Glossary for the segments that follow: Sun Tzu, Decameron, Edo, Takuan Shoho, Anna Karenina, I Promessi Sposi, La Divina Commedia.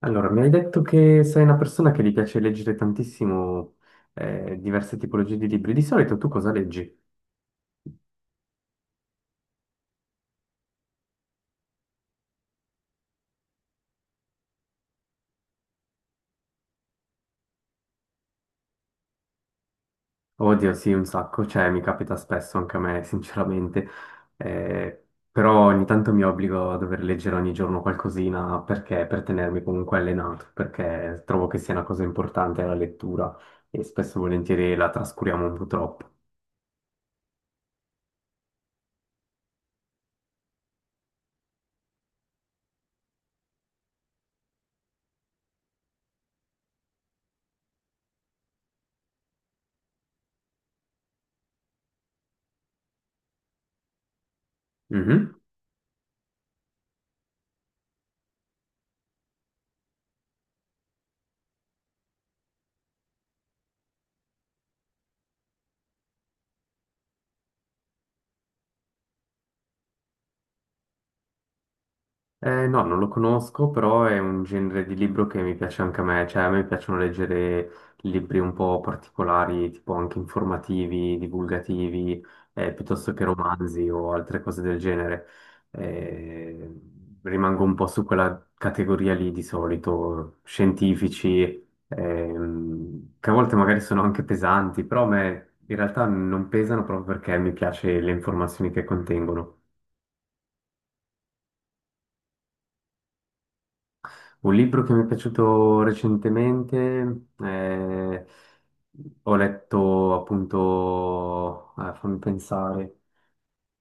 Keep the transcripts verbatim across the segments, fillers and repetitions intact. Allora, mi hai detto che sei una persona che gli piace leggere tantissimo eh, diverse tipologie di libri. Di solito tu cosa leggi? Oddio, sì, un sacco, cioè mi capita spesso anche a me, sinceramente. Eh, Però ogni tanto mi obbligo a dover leggere ogni giorno qualcosina perché per tenermi comunque allenato, perché trovo che sia una cosa importante la lettura e spesso e volentieri la trascuriamo un po' troppo. Mhm. Eh, no, non lo conosco, però è un genere di libro che mi piace anche a me, cioè a me piacciono leggere libri un po' particolari, tipo anche informativi, divulgativi, eh, piuttosto che romanzi o altre cose del genere. Eh, Rimango un po' su quella categoria lì di solito, scientifici, ehm, che a volte magari sono anche pesanti, però a me in realtà non pesano proprio perché mi piace le informazioni che contengono. Un libro che mi è piaciuto recentemente, eh, ho letto appunto, eh, fammi pensare,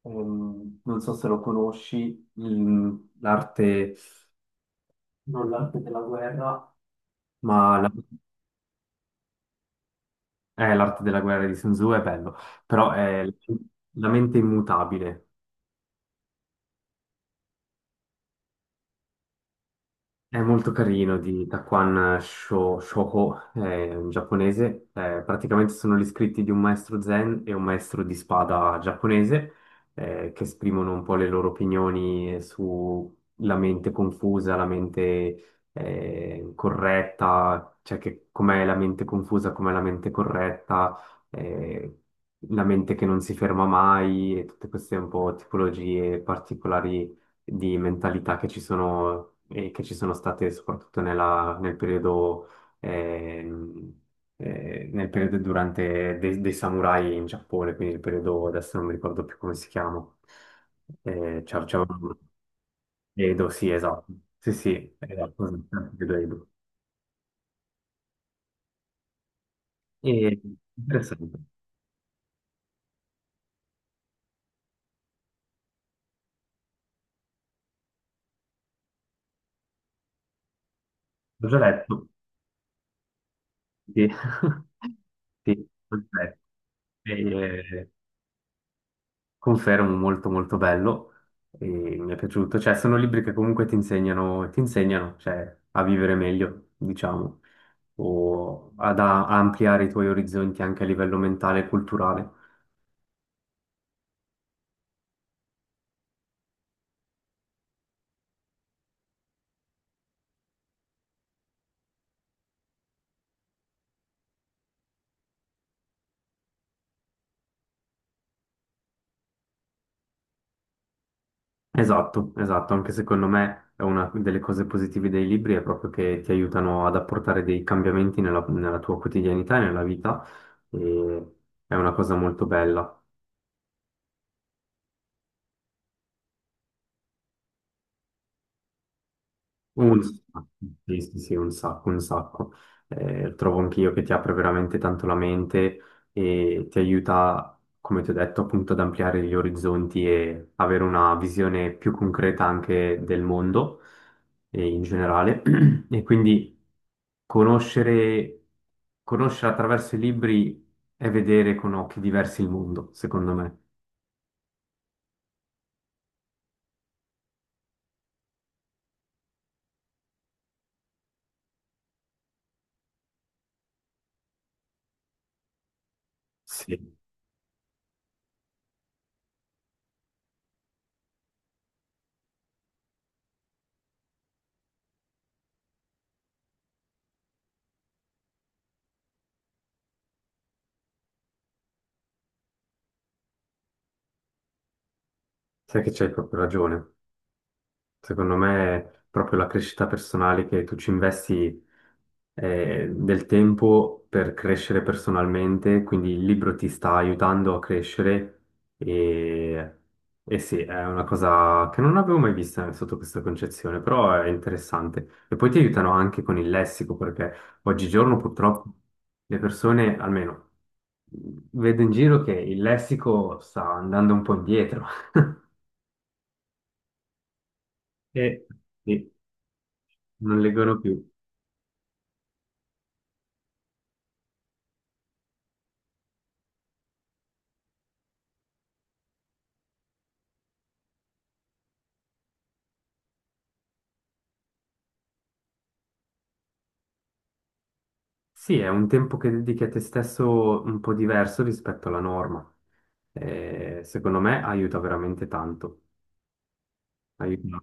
ehm, non so se lo conosci, il- l'arte, non l'arte della guerra, ma la- eh, l'arte della guerra di Sun Tzu è bello, però è la mente immutabile. È molto carino di Takuan Sho- Shoho, è un giapponese. Eh, praticamente sono gli scritti di un maestro zen e un maestro di spada giapponese eh, che esprimono un po' le loro opinioni sulla mente confusa, la mente eh, corretta, cioè che com'è la mente confusa, com'è la mente corretta, eh, la mente che non si ferma mai e tutte queste un po' tipologie particolari di mentalità che ci sono, e che ci sono state soprattutto nella- nel periodo, ehm, eh, nel periodo durante dei, dei samurai in Giappone, quindi il periodo, adesso non mi ricordo più come si chiama. Eh, c'è- c'è un- Edo, sì, esatto. Sì, sì, esatto, esatto, Edo, Edo. E, interessante. L'ho già letto. Sì. Sì, perfetto. Confermo, molto molto bello e mi è piaciuto, cioè sono libri che comunque ti insegnano, ti insegnano, cioè, a vivere meglio, diciamo, o ad a- a ampliare i tuoi orizzonti anche a livello mentale e culturale. Esatto, esatto, anche secondo me è una delle cose positive dei libri è proprio che ti aiutano ad apportare dei cambiamenti nella, nella tua quotidianità e nella vita e è una cosa molto bella. Un sacco, sì, sì, sì, un sacco, un sacco. Eh, trovo anch'io che ti apre veramente tanto la mente e ti aiuta, come ti ho detto, appunto ad ampliare gli orizzonti e avere una visione più concreta anche del mondo e in generale. E quindi conoscere, conoscere attraverso i libri è vedere con occhi diversi il mondo, secondo me. Sì, sai che c'hai proprio ragione. Secondo me è proprio la crescita personale che tu ci investi eh, del tempo per crescere personalmente, quindi il libro ti sta aiutando a crescere e, e sì, è una cosa che non avevo mai vista sotto questa concezione, però è interessante. E poi ti aiutano anche con il lessico, perché oggigiorno purtroppo le persone, almeno vedo in giro che il lessico sta andando un po' indietro. E e non leggono più. Sì, è un tempo che dedichi a te stesso un po' diverso rispetto alla norma. Eh, secondo me aiuta veramente tanto. Aiuta.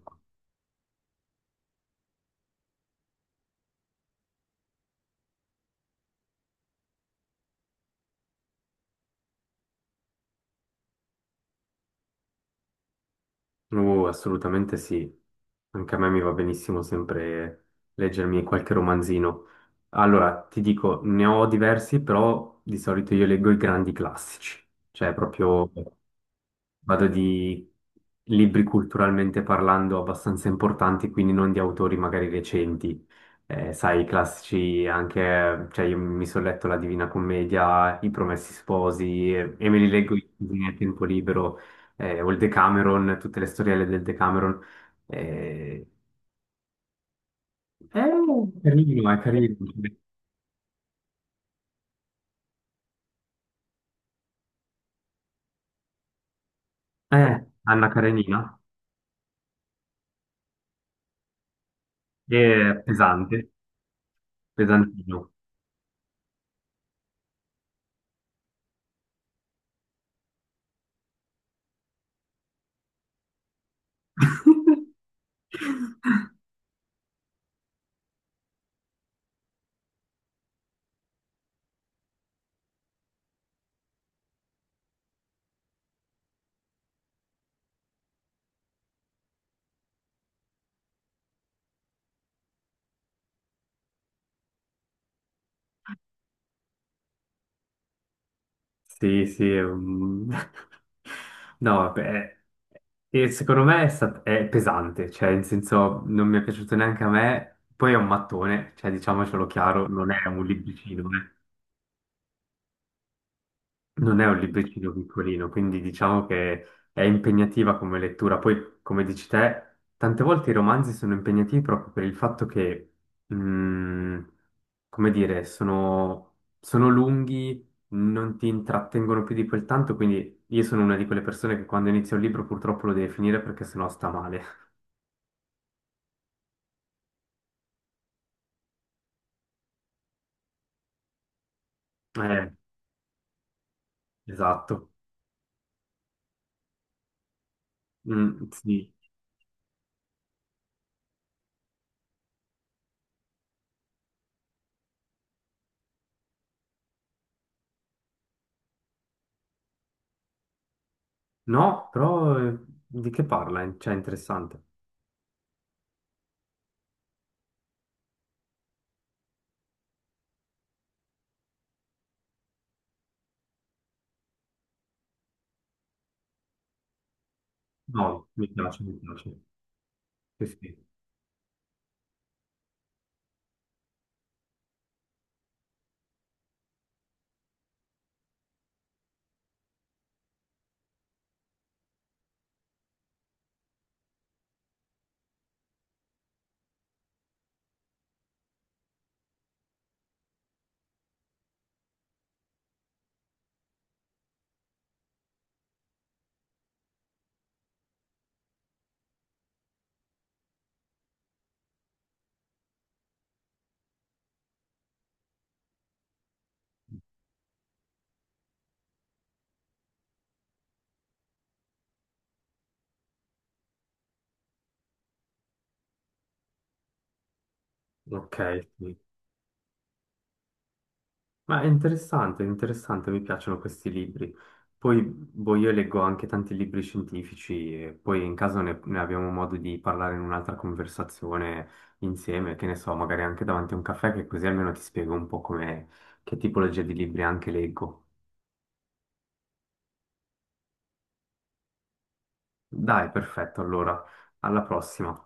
Uh, assolutamente sì. Anche a me mi va benissimo sempre leggermi qualche romanzino. Allora, ti dico, ne ho diversi, però di solito io leggo i grandi classici, cioè proprio vado di libri culturalmente parlando abbastanza importanti, quindi non di autori magari recenti. Eh, sai, i classici anche, cioè io mi sono letto La Divina Commedia, I Promessi Sposi eh, e, me li leggo in- nel tempo libero, eh, o il Decameron, tutte le storielle del Decameron. Eh, è carino, è carino. Eh, Anna Karenina, è pesante, pesantino. Sì, sì, è un- no, vabbè, e secondo me è, stat- è pesante, cioè, in senso, non mi è piaciuto neanche a me, poi è un mattone, cioè, diciamocelo chiaro, non è un libricino, eh. Non è un libricino piccolino, quindi diciamo che è impegnativa come lettura. Poi, come dici te, tante volte i romanzi sono impegnativi proprio per il fatto che, mhmm, come dire, sono, sono lunghi, non ti intrattengono più di quel tanto, quindi io sono una di quelle persone che quando inizia un libro purtroppo lo deve finire perché sennò sta male. Eh, esatto. Mm, sì. No, però eh, di che parla? Cioè, è interessante. No, mi piace, mi piace. Sì, sì. Ok, sì. Ma è interessante, è interessante, mi piacciono questi libri. Poi, boh, io leggo anche tanti libri scientifici, e poi in caso ne, ne abbiamo modo di parlare in un'altra conversazione insieme, che ne so, magari anche davanti a un caffè, che così almeno ti spiego un po' come, che tipologia di libri anche leggo. Dai, perfetto, allora, alla prossima.